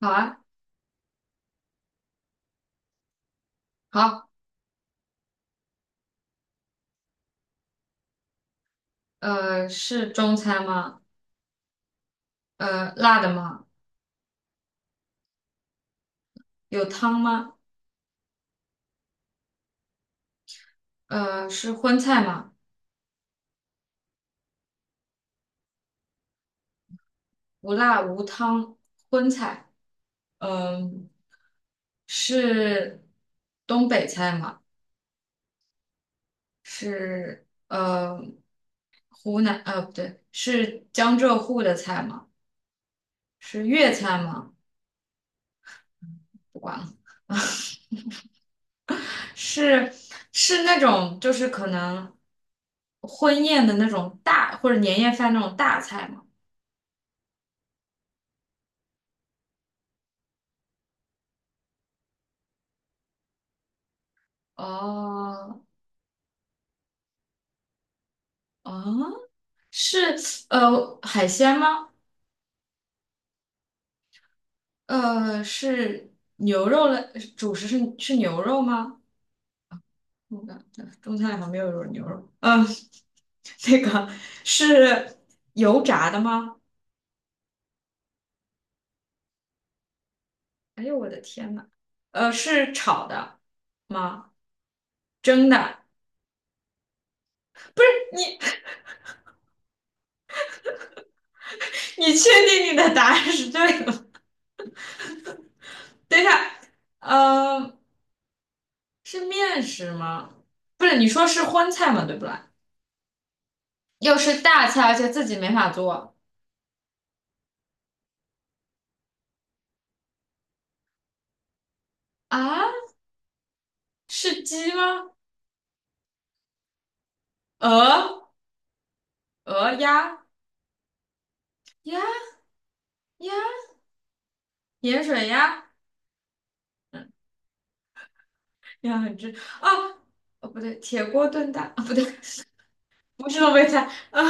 好啊，好，是中餐吗？辣的吗？有汤吗？是荤菜吗？无辣无汤，荤菜。嗯、是东北菜吗？是湖南不对，是江浙沪的菜吗？是粤菜吗？不管了，是是那种就是可能婚宴的那种大或者年夜饭那种大菜吗？哦，啊，是海鲜吗？是牛肉类，主食是牛肉吗？我感觉中餐里好像没有牛肉。嗯，那个是油炸的吗？哎呦我的天呐，是炒的吗？蒸的？你你确定你的答案是对的吗？等一下，呃，是面食吗？不是，你说是荤菜吗？对不啦？又是大菜，而且自己没法做。啊，是鸡吗？鹅、鹅、鸭、鸭、鸭、盐水鸭、鸭很正啊，哦不对，铁锅炖蛋啊不对，不是东北菜啊。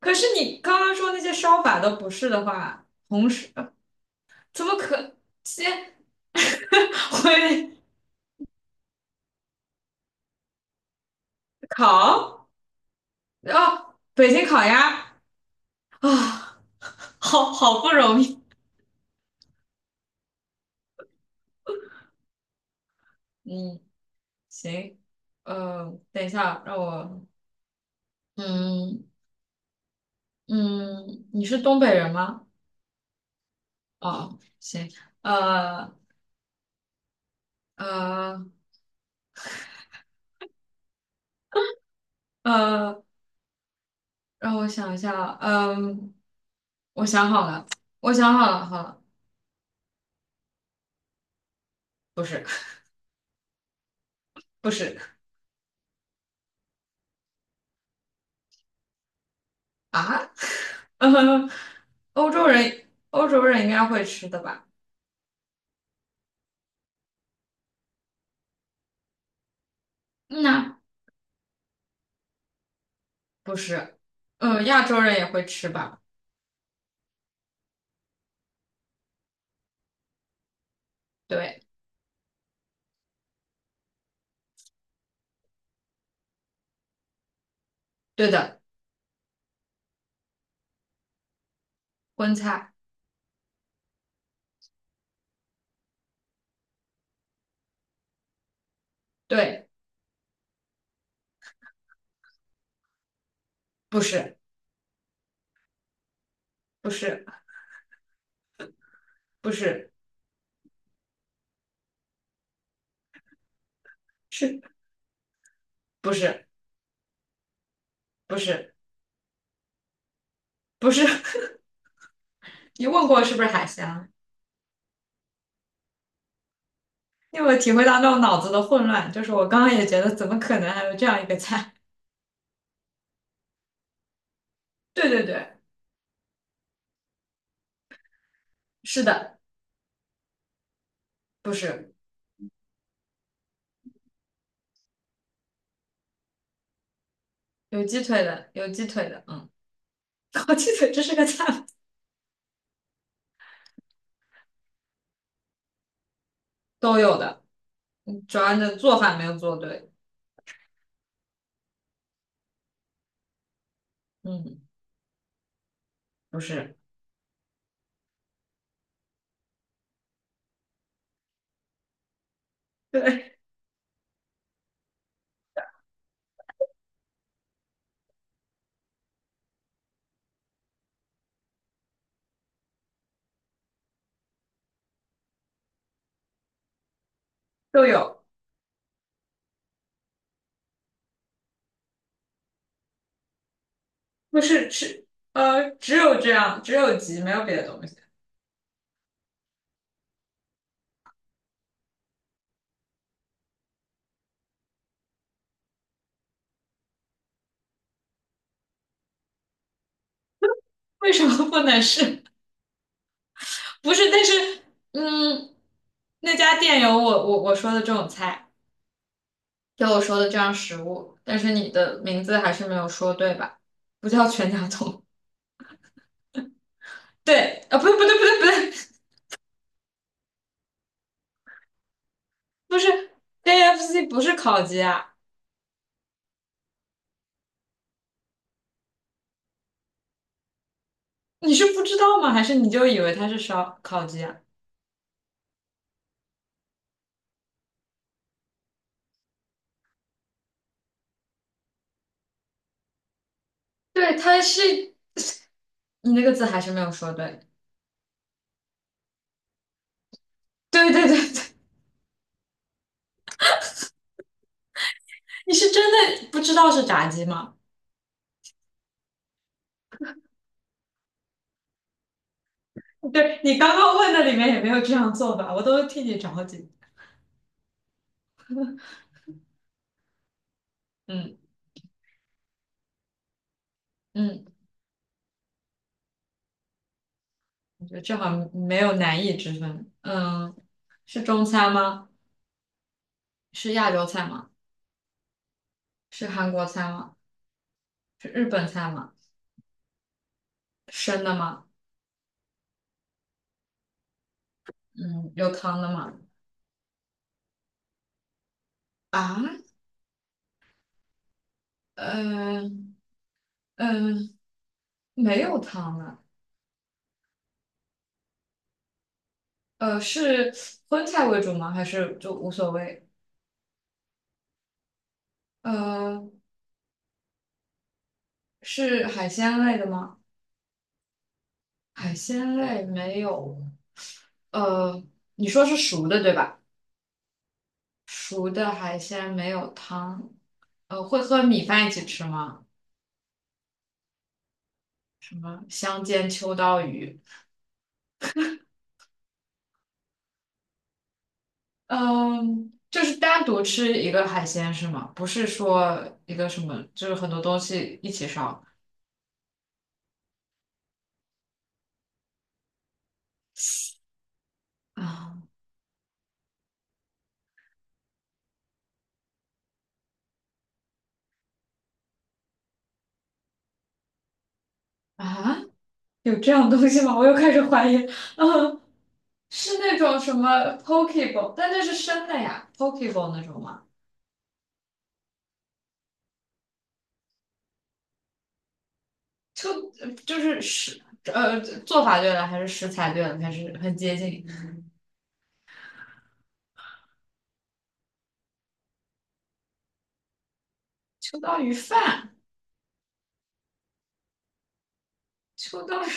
可是你刚刚说那些烧法都不是的话，红薯怎么可先 会烤？哦，北京烤鸭啊，好好不容易。嗯，行，等一下，让我嗯嗯，你是东北人吗？哦，行，呃呃呃，让我想一下，嗯，我想好了，我想好了，好了，不是不是啊，呃，欧洲人应该会吃的吧？嗯呐，不是，亚洲人也会吃吧？对对的，荤菜，对，不是不是不是是不是不是不是，你问过是不是海鲜？因为我体会到那种脑子的混乱，就是我刚刚也觉得怎么可能还有这样一个菜？对对对，是的，不是有鸡腿的，有鸡腿的，嗯，烤鸡腿这是个菜吗都有的，嗯主要你的做法没有做对，嗯，不是，对，都有，不是是，只有这样，只有鸡，没有别的东西，为什么不能是？不是，但是，嗯，那家店有我说的这种菜。给我说的这样食物，但是你的名字还是没有说对吧？不叫全家桶，对啊，不对不对不对不对，不是 KFC 不是烤鸡啊，你是不知道吗？还是你就以为它是烧烤鸡啊？对，它是，你那个字还是没有说对，对对对对，你是真的不知道是炸鸡吗？对，你刚刚问的里面也没有这样做吧，我都替你着急。嗯嗯，我觉得这好像没有难易之分。嗯，是中餐吗？是亚洲菜吗？是韩国菜吗？是日本菜吗？生的吗？嗯，有汤的吗？啊，嗯呃，嗯、没有汤的。是荤菜为主吗？还是就无所谓？呃，是海鲜类的吗？海鲜类没有。呃，你说是熟的对吧？熟的海鲜没有汤。会和米饭一起吃吗？什么香煎秋刀鱼？嗯，就是单独吃一个海鲜是吗？不是说一个什么，就是很多东西一起烧啊啊，有这样东西吗？我又开始怀疑。嗯，是那种什么 pokeball，但那是生的呀，pokeball 那种吗？就就是食做法对了，还是食材对了，还是很接近。秋刀鱼饭，秋刀鱼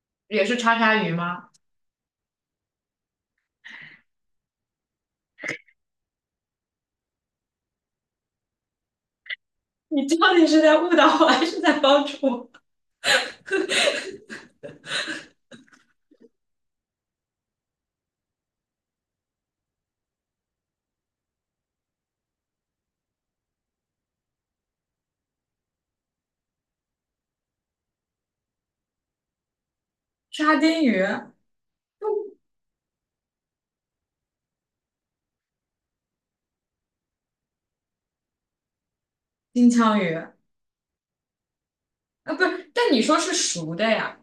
也是叉叉鱼吗？你到底是在误导我，还是在帮助我？沙丁鱼、金枪鱼。啊，不是，但你说是熟的呀，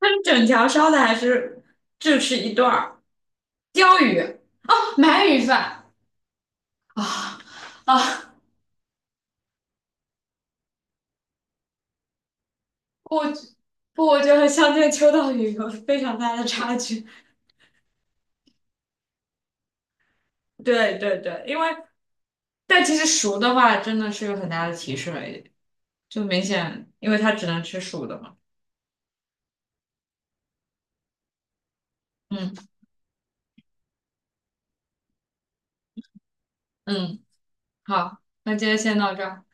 它是整条烧的还是就吃一段儿？鲷鱼，哦鳗鱼饭啊啊！我不，我觉得和乡间秋刀鱼有非常大的差距。对对对，因为但其实熟的话真的是有很大的提示了，就明显，因为它只能吃熟的嘛。嗯嗯，好，那今天先到这儿。